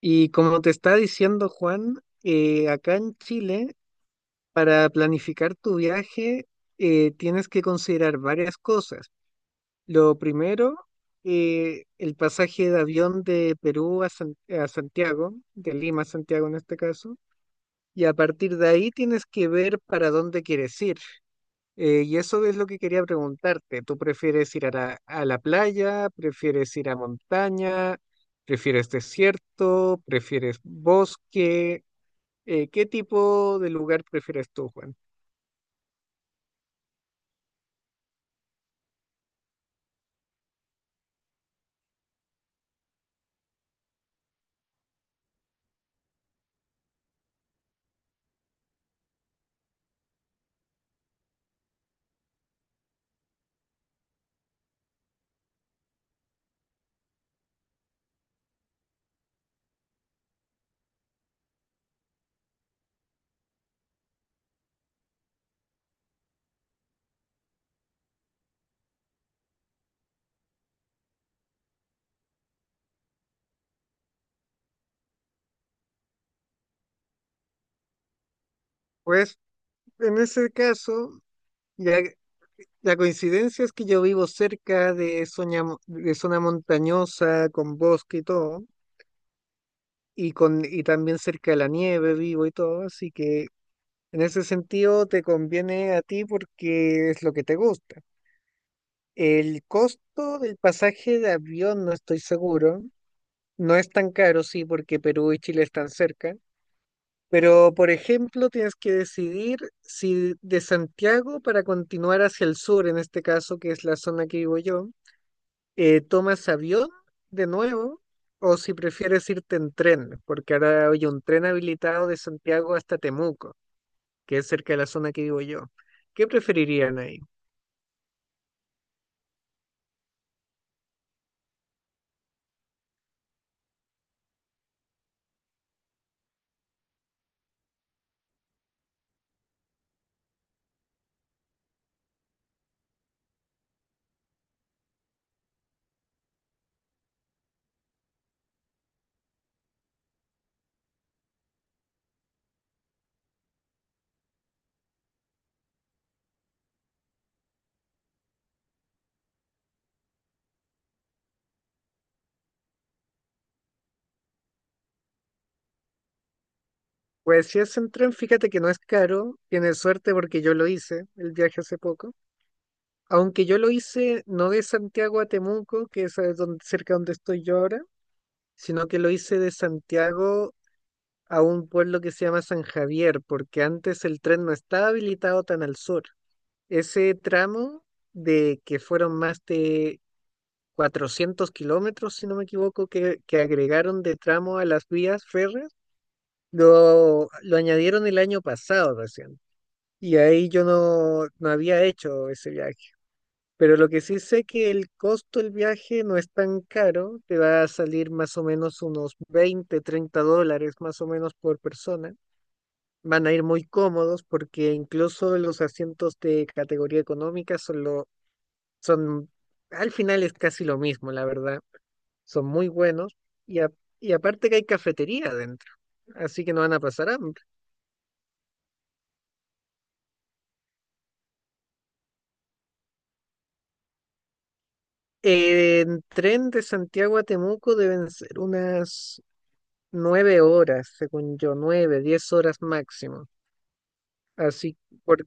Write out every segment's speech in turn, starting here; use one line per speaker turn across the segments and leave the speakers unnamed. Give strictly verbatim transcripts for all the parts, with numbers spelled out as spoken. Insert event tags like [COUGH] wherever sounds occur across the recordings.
Y como te está diciendo Juan, eh, acá en Chile, para planificar tu viaje, eh, tienes que considerar varias cosas. Lo primero, eh, el pasaje de avión de Perú a, San- a Santiago, de Lima a Santiago en este caso, y a partir de ahí tienes que ver para dónde quieres ir. Eh, y eso es lo que quería preguntarte. ¿Tú prefieres ir a la, a la playa? ¿Prefieres ir a montaña? ¿Prefieres desierto? ¿Prefieres bosque? Eh, ¿qué tipo de lugar prefieres tú, Juan? Pues en ese caso, ya, la coincidencia es que yo vivo cerca de, soña- de zona montañosa, con bosque y todo, y, con, y también cerca de la nieve vivo y todo, así que en ese sentido te conviene a ti porque es lo que te gusta. El costo del pasaje de avión no estoy seguro. No es tan caro, sí, porque Perú y Chile están cerca. Pero, por ejemplo, tienes que decidir si de Santiago para continuar hacia el sur, en este caso, que es la zona que vivo yo, eh, tomas avión de nuevo o si prefieres irte en tren, porque ahora hay un tren habilitado de Santiago hasta Temuco, que es cerca de la zona que vivo yo. ¿Qué preferirían ahí? Pues si es en tren, fíjate que no es caro, tienes suerte porque yo lo hice el viaje hace poco, aunque yo lo hice no de Santiago a Temuco, que es a donde, cerca donde estoy yo ahora, sino que lo hice de Santiago a un pueblo que se llama San Javier, porque antes el tren no estaba habilitado tan al sur. Ese tramo de que fueron más de cuatrocientos kilómetros, si no me equivoco, que, que agregaron de tramo a las vías férreas, lo, lo añadieron el año pasado recién. Y ahí yo no, no había hecho ese viaje. Pero lo que sí sé que el costo del viaje no es tan caro, te va a salir más o menos unos veinte treinta dólares más o menos por persona. Van a ir muy cómodos porque incluso los asientos de categoría económica son lo, son, al final es casi lo mismo, la verdad. Son muy buenos y, a- y aparte que hay cafetería adentro, así que no van a pasar hambre. En tren de Santiago a Temuco deben ser unas nueve horas, según yo, nueve, diez horas máximo. Así, por,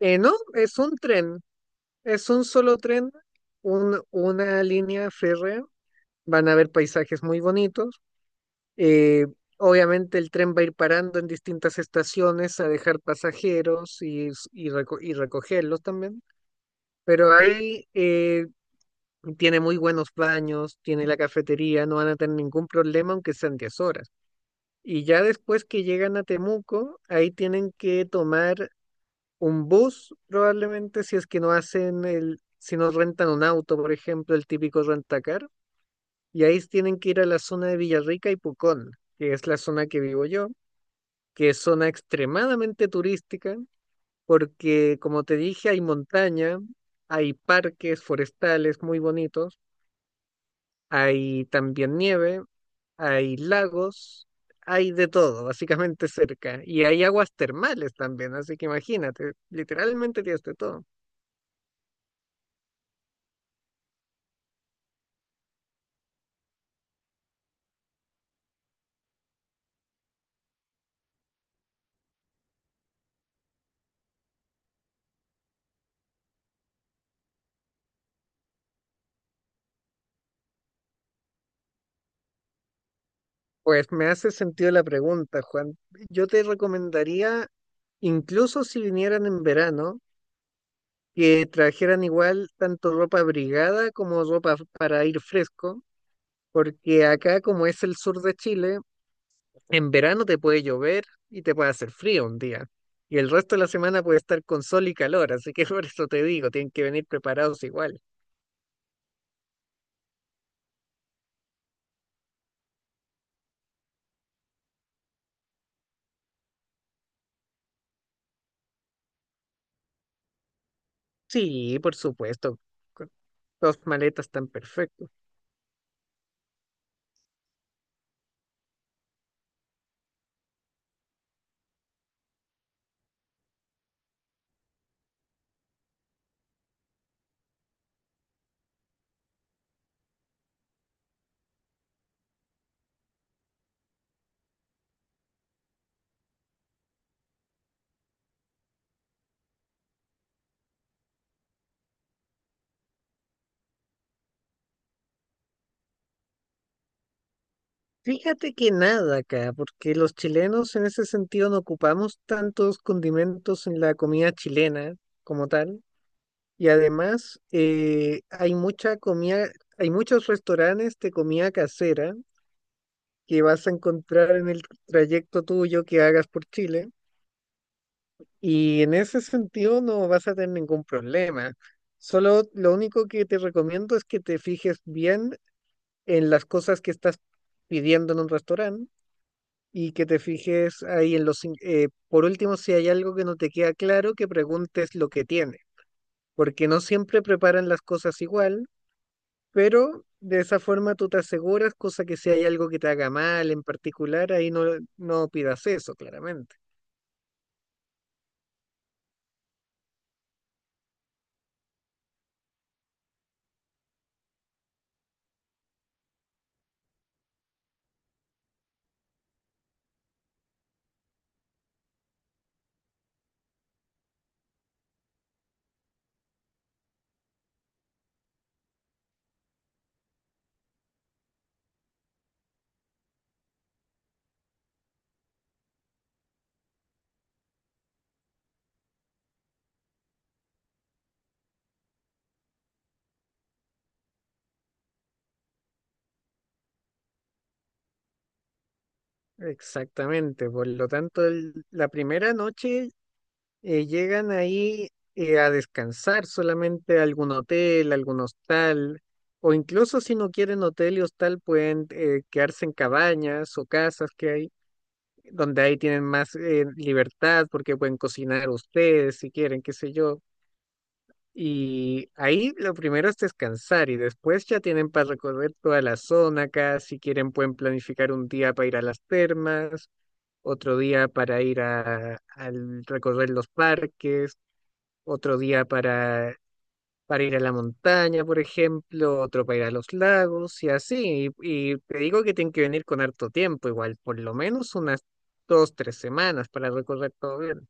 eh, no, es un tren, es un solo tren, un- una línea férrea. Van a haber paisajes muy bonitos. eh, Obviamente el tren va a ir parando en distintas estaciones a dejar pasajeros y, s- y, reco- y recogerlos también. Pero ahí eh, tiene muy buenos baños, tiene la cafetería, no van a tener ningún problema aunque sean diez horas. Y ya después que llegan a Temuco, ahí tienen que tomar un bus, probablemente, si es que no hacen el, si no rentan un auto, por ejemplo, el típico rentacar. Y ahí tienen que ir a la zona de Villarrica y Pucón, que es la zona que vivo yo, que es zona extremadamente turística, porque como te dije, hay montaña, hay parques forestales muy bonitos, hay también nieve, hay lagos, hay de todo, básicamente cerca. Y hay aguas termales también, así que imagínate, literalmente tienes de todo. Pues me hace sentido la pregunta, Juan. Yo te recomendaría, incluso si vinieran en verano, que trajeran igual tanto ropa abrigada como ropa para ir fresco, porque acá, como es el sur de Chile, En verano te puede llover y te puede hacer frío un día. Y el resto de la semana puede estar con sol y calor, así que [LAUGHS] por eso te digo, tienen que venir preparados igual. Sí, por supuesto, con dos maletas están perfectos. Fíjate que nada acá, porque los chilenos en ese sentido no ocupamos tantos condimentos en la comida chilena como tal. Y además eh, hay mucha comida, hay muchos restaurantes de comida casera que vas a encontrar en el trayecto tuyo que hagas por Chile. Y en ese sentido no vas a tener ningún problema. Solo lo único que te recomiendo es que te fijes bien en las cosas que estás pidiendo en un restaurante y que te fijes ahí en los... in- eh, por último, si hay algo que no te queda claro, que preguntes lo que tiene, porque no siempre preparan las cosas igual, pero de esa forma tú te aseguras, cosa que si hay algo que te haga mal en particular, ahí no, no pidas eso, claramente. Exactamente, por lo tanto, el- la primera noche Eh, llegan ahí eh, a descansar solamente a algún hotel, algún hostal, o incluso si no quieren hotel y hostal, pueden eh, quedarse en cabañas o casas que hay, donde ahí tienen más eh, libertad porque pueden cocinar ustedes si quieren, qué sé yo. Y ahí lo primero es descansar y después ya tienen para recorrer toda la zona acá, si quieren pueden planificar un día para ir a las termas, otro día para ir a, al recorrer los parques, otro día para, para ir a la montaña, por ejemplo, otro para ir a los lagos y así. Y, y te digo que tienen que venir con harto tiempo, igual, por lo menos unas dos, tres semanas para recorrer todo bien.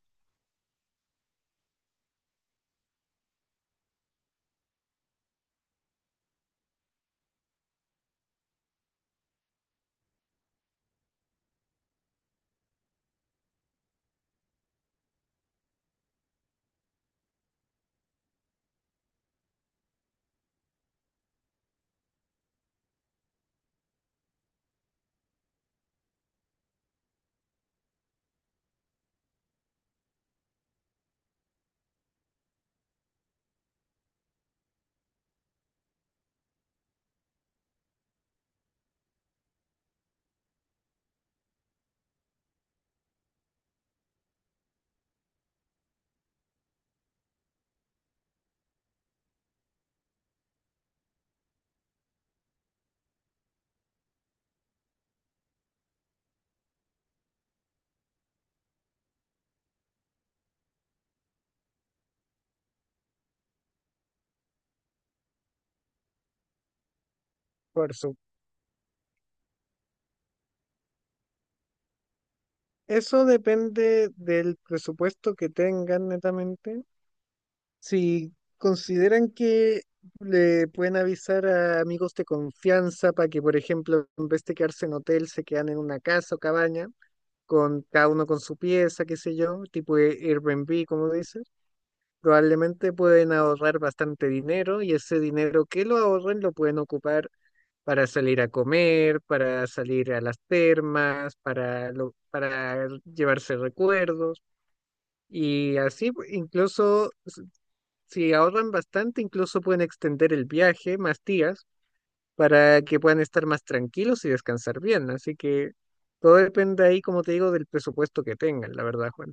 Por su- Eso depende del presupuesto que tengan netamente. Si consideran que le pueden avisar a amigos de confianza para que, por ejemplo, en vez de quedarse en hotel, se quedan en una casa o cabaña con cada uno con su pieza, qué sé yo, tipo de Airbnb, como dices, probablemente pueden ahorrar bastante dinero y ese dinero que lo ahorren lo pueden ocupar para salir a comer, para salir a las termas, para, lo- para llevarse recuerdos y así pu- incluso s- si ahorran bastante, incluso pueden extender el viaje más días para que puedan estar más tranquilos y descansar bien. Así que todo depende ahí, como te digo, del presupuesto que tengan, la verdad, Juan.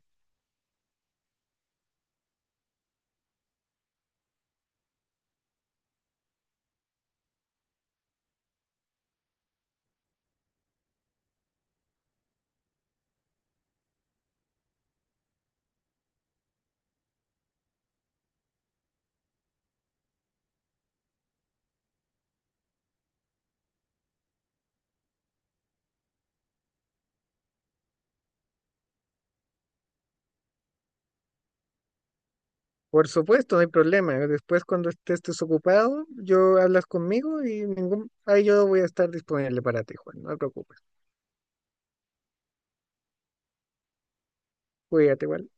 Por supuesto, no hay problema. Después, cuando estés desocupado, yo hablas conmigo y ningún... ahí yo voy a estar disponible para ti, Juan. No te preocupes. Cuídate, igual.